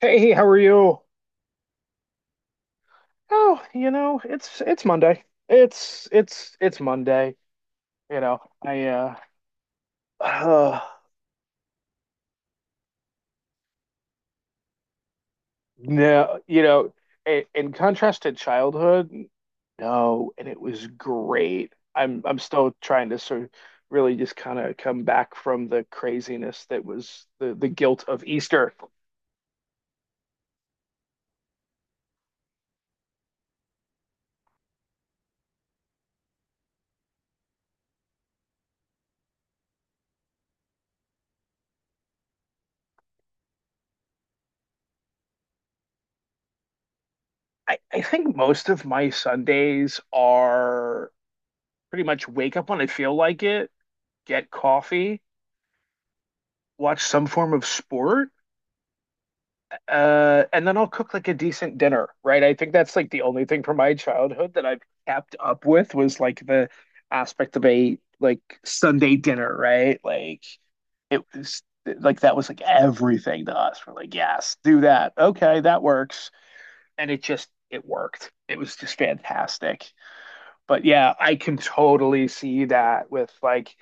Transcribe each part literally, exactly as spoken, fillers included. Hey, how are you? Oh, you know, it's it's Monday. It's it's it's Monday. You know, I uh, uh no, you know, in, in contrast to childhood, no, and it was great. I'm I'm still trying to sort of really just kind of come back from the craziness that was the the guilt of Easter. I, I think most of my Sundays are pretty much wake up when I feel like it, get coffee, watch some form of sport, uh, and then I'll cook like a decent dinner, right? I think that's like the only thing from my childhood that I've kept up with was like the aspect of a like Sunday dinner, right? Like it was like that was like everything to us. We're like, yes, do that. Okay, that works. And it just it worked. It was just fantastic. But yeah, I can totally see that with like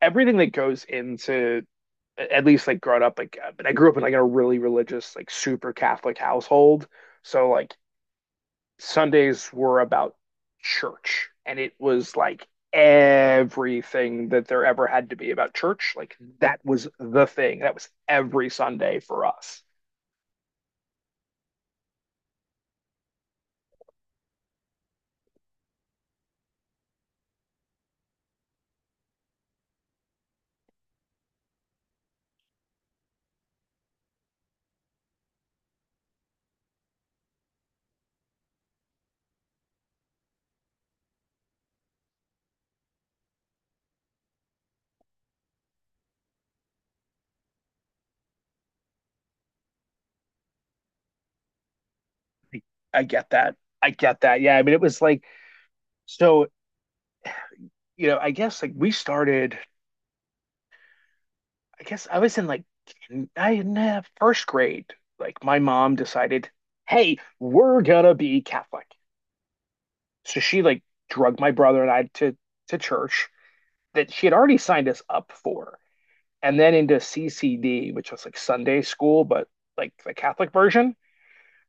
everything that goes into at least like growing up like uh, but I grew up in like a really religious like super Catholic household, so like Sundays were about church, and it was like everything that there ever had to be about church. Like that was the thing. That was every Sunday for us. I get that. I get that. Yeah, I mean, it was like so. You know, I guess like we started. I guess I was in like kin- I in uh, first grade. Like my mom decided, hey, we're gonna be Catholic. So she like drugged my brother and I to to church that she had already signed us up for, and then into C C D, which was like Sunday school, but like the Catholic version.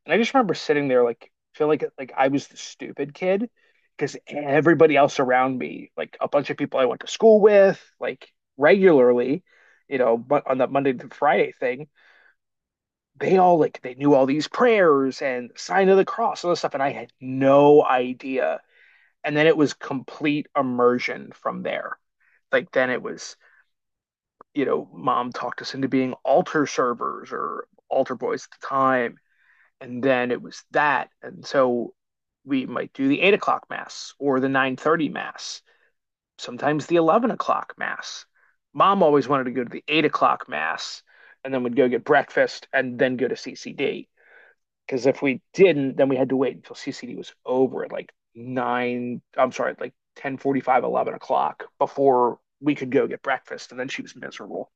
And I just remember sitting there like feel like like I was the stupid kid because everybody else around me, like a bunch of people I went to school with, like regularly, you know, but on the Monday to Friday thing, they all like they knew all these prayers and sign of the cross, all this stuff, and I had no idea. And then it was complete immersion from there. Like then it was, you know, mom talked us into being altar servers or altar boys at the time, and then it was that, and so we might do the eight o'clock mass or the nine thirty mass, sometimes the eleven o'clock mass. Mom always wanted to go to the eight o'clock mass, and then we'd go get breakfast and then go to C C D. Because if we didn't, then we had to wait until C C D was over at like nine. I'm sorry, like ten forty five, eleven o'clock before we could go get breakfast. And then she was miserable.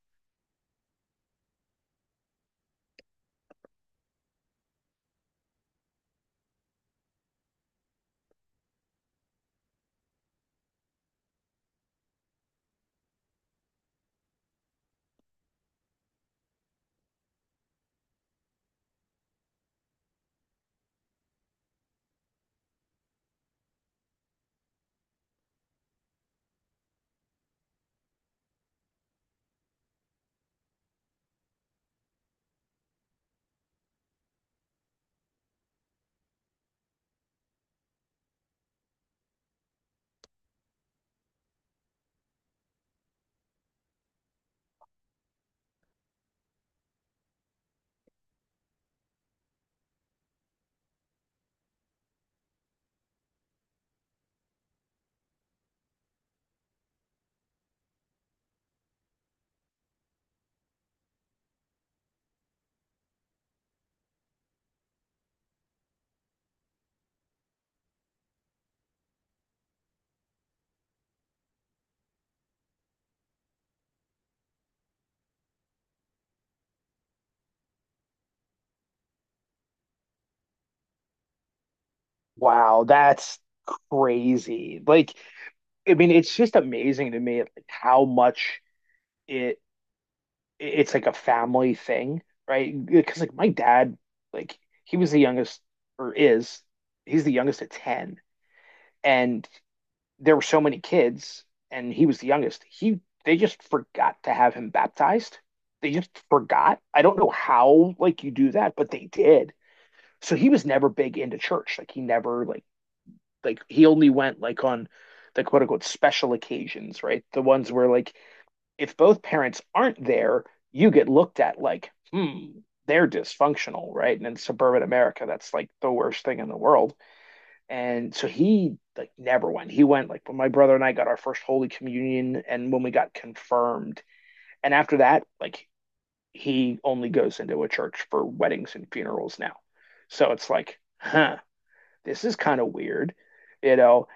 Wow, that's crazy. Like I mean, it's just amazing to me like how much it it's like a family thing, right? Because like my dad, like he was the youngest or is he's the youngest of ten, and there were so many kids, and he was the youngest. He they just forgot to have him baptized. They just forgot. I don't know how like you do that, but they did. So he was never big into church. Like he never like like he only went like on the quote unquote special occasions, right? The ones where like if both parents aren't there, you get looked at like, hmm, they're dysfunctional, right? And in suburban America, that's like the worst thing in the world. And so he like never went. He went like when my brother and I got our first Holy Communion and when we got confirmed. And after that, like he only goes into a church for weddings and funerals now. So it's like, huh, this is kind of weird, you know?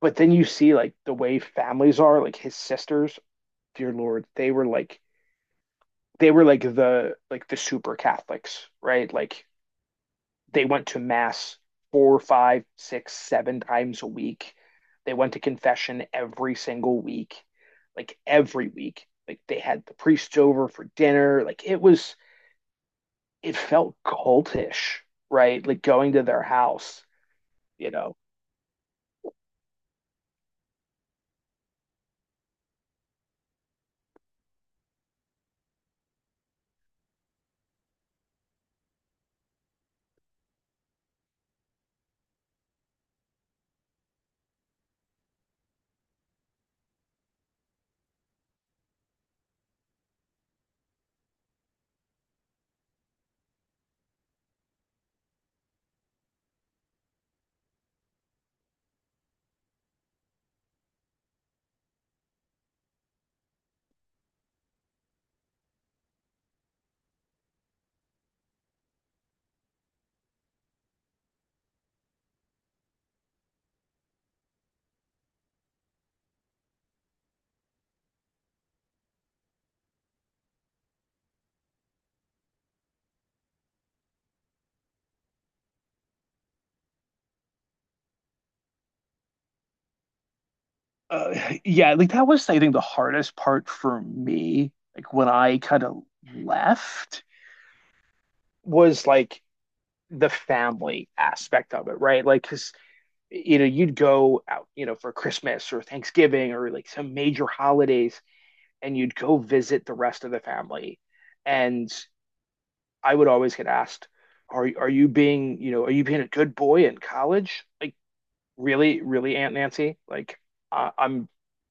But then you see like the way families are, like his sisters, dear Lord, they were like they were like the like the super Catholics, right? Like they went to mass four, five, six, seven times a week. They went to confession every single week, like every week. Like they had the priests over for dinner. Like it was, it felt cultish, right? Like going to their house, you know. Uh, yeah, like that was, I think, the hardest part for me. Like when I kind of left was like the family aspect of it, right? Like, because you know, you'd go out, you know, for Christmas or Thanksgiving or like some major holidays, and you'd go visit the rest of the family. And I would always get asked, "Are are you being, you know, are you being a good boy in college?" Like, really, really, Aunt Nancy? Like, I, I'm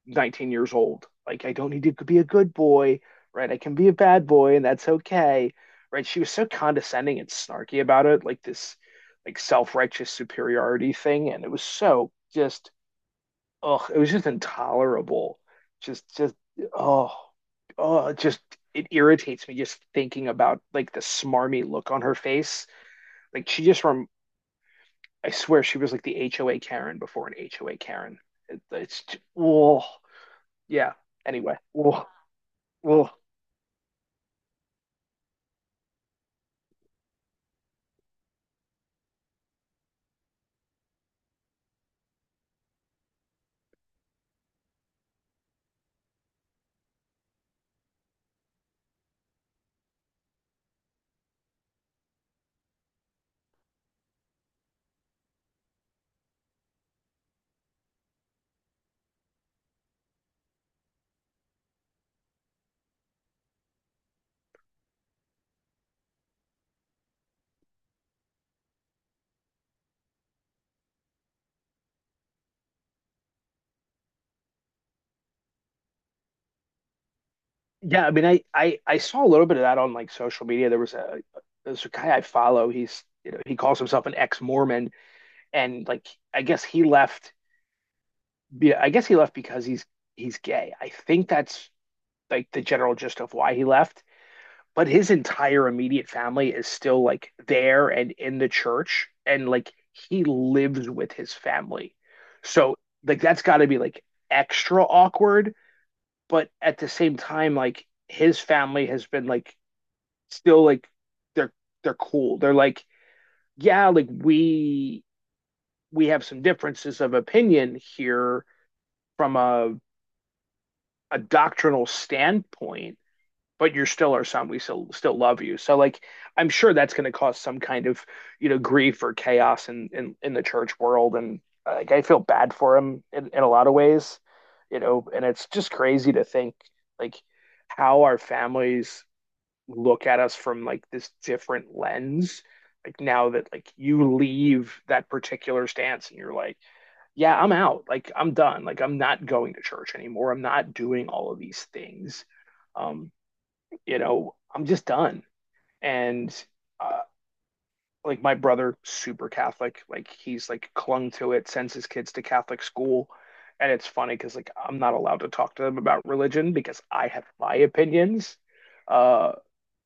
nineteen years old. Like, I don't need to be a good boy, right? I can be a bad boy, and that's okay, right? She was so condescending and snarky about it, like this, like self-righteous superiority thing, and it was so just oh, it was just intolerable. Just, just, oh, oh, just, it irritates me just thinking about like the smarmy look on her face. Like she just from, I swear she was like the H O A Karen before an H O A Karen. It, it's, j- oh, yeah. Anyway, oh, oh, yeah. I mean, I, I, I saw a little bit of that on like social media. There was a, there's a guy I follow. He's, you know, he calls himself an ex-Mormon, and like, I guess he left yeah, I guess he left because he's he's gay. I think that's like the general gist of why he left. But his entire immediate family is still like there and in the church, and like he lives with his family. So like that's got to be like extra awkward. But at the same time, like his family has been like still like they're they're cool. They're like yeah, like we we have some differences of opinion here from a a doctrinal standpoint, but you're still our son. We still still love you. So like I'm sure that's going to cause some kind of you know grief or chaos in in, in the church world, and like I feel bad for him in, in a lot of ways, you know. And it's just crazy to think like how our families look at us from like this different lens. Like now that like you leave that particular stance and you're like yeah, I'm out. Like I'm done. Like I'm not going to church anymore. I'm not doing all of these things. Um, you know, I'm just done. And uh, like my brother, super Catholic. Like he's like clung to it, sends his kids to Catholic school. And it's funny because like I'm not allowed to talk to them about religion because I have my opinions. Uh,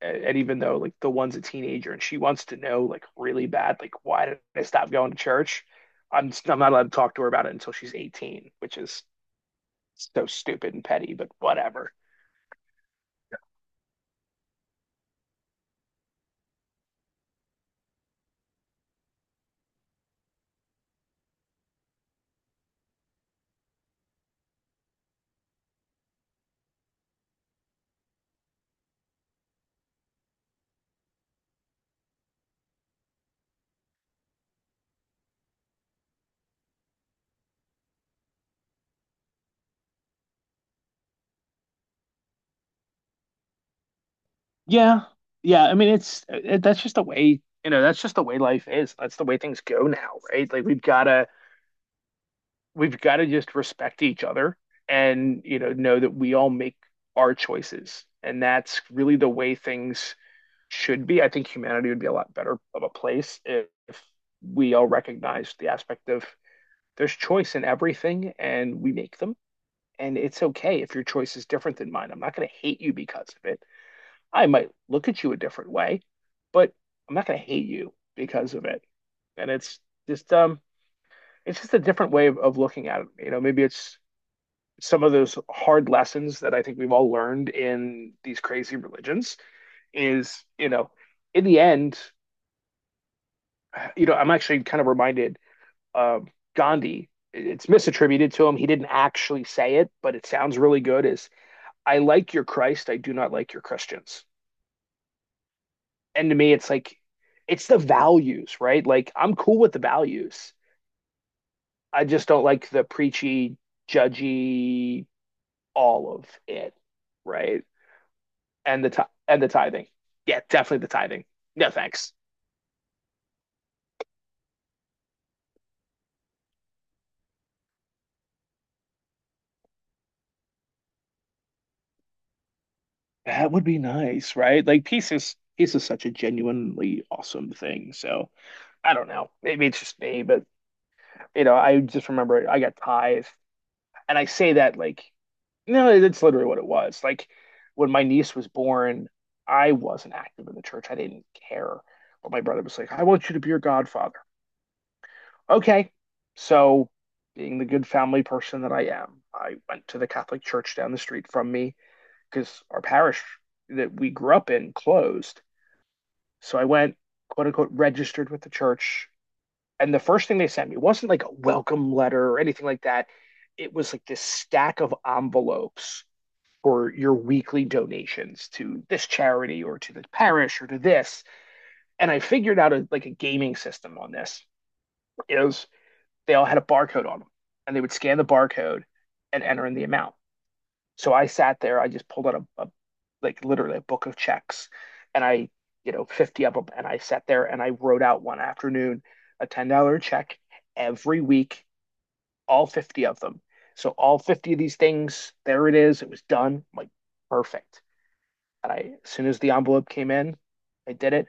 and, and even though like the one's a teenager and she wants to know like really bad like why did I stop going to church? I'm I'm not allowed to talk to her about it until she's eighteen, which is so stupid and petty, but whatever. Yeah. Yeah. I mean, it's it, that's just the way. You know, that's just the way life is. That's the way things go now, right? Like we've gotta we've gotta just respect each other and, you know, know that we all make our choices. And that's really the way things should be. I think humanity would be a lot better of a place if, if we all recognized the aspect of there's choice in everything and we make them. And it's okay if your choice is different than mine. I'm not going to hate you because of it. I might look at you a different way, but I'm not going to hate you because of it. And it's just um, it's just a different way of, of looking at it. You know, maybe it's some of those hard lessons that I think we've all learned in these crazy religions is, you know, in the end, you know, I'm actually kind of reminded uh, Gandhi. It's misattributed to him. He didn't actually say it, but it sounds really good. Is I like your Christ, I do not like your Christians. And to me, it's like it's the values, right? Like I'm cool with the values. I just don't like the preachy, judgy, all of it, right? And the t- and the tithing. Yeah, definitely the tithing. No thanks. That would be nice, right? Like peace is peace is such a genuinely awesome thing. So I don't know. Maybe it's just me, but you know, I just remember I got ties, and I say that like, no, that's literally what it was. Like when my niece was born, I wasn't active in the church. I didn't care, but my brother was like, "I want you to be your godfather." Okay, so being the good family person that I am, I went to the Catholic church down the street from me because our parish that we grew up in closed. So I went, quote unquote, registered with the church. And the first thing they sent me wasn't like a welcome letter or anything like that. It was like this stack of envelopes for your weekly donations to this charity or to the parish or to this. And I figured out a, like a gaming system on this is they all had a barcode on them, and they would scan the barcode and enter in the amount. So I sat there, I just pulled out a, a like literally a book of checks, and I, you know, fifty of them. And I sat there and I wrote out one afternoon a ten dollars check every week, all fifty of them. So all fifty of these things, there it is. It was done. I'm like, perfect. And I, as soon as the envelope came in, I did it.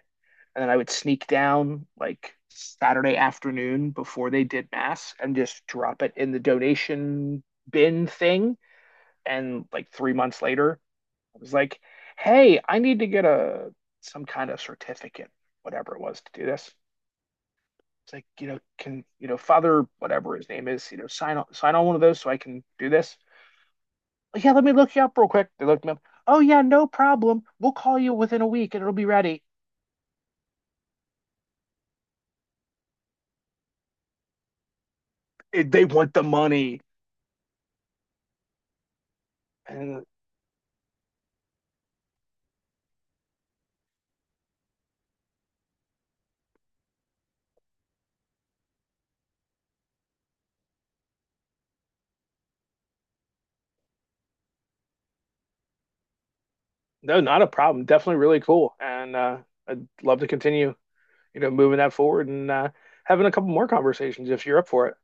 And then I would sneak down like Saturday afternoon before they did mass and just drop it in the donation bin thing. And like three months later, I was like, hey, I need to get a some kind of certificate, whatever it was, to do this. It's like, you know, can, you know, Father, whatever his name is, you know, sign on sign on one of those so I can do this. Yeah, let me look you up real quick. They looked me up. Oh yeah, no problem. We'll call you within a week and it'll be ready. It, they want the money. And no, not a problem. Definitely really cool. And uh, I'd love to continue, you know, moving that forward, and uh, having a couple more conversations if you're up for it.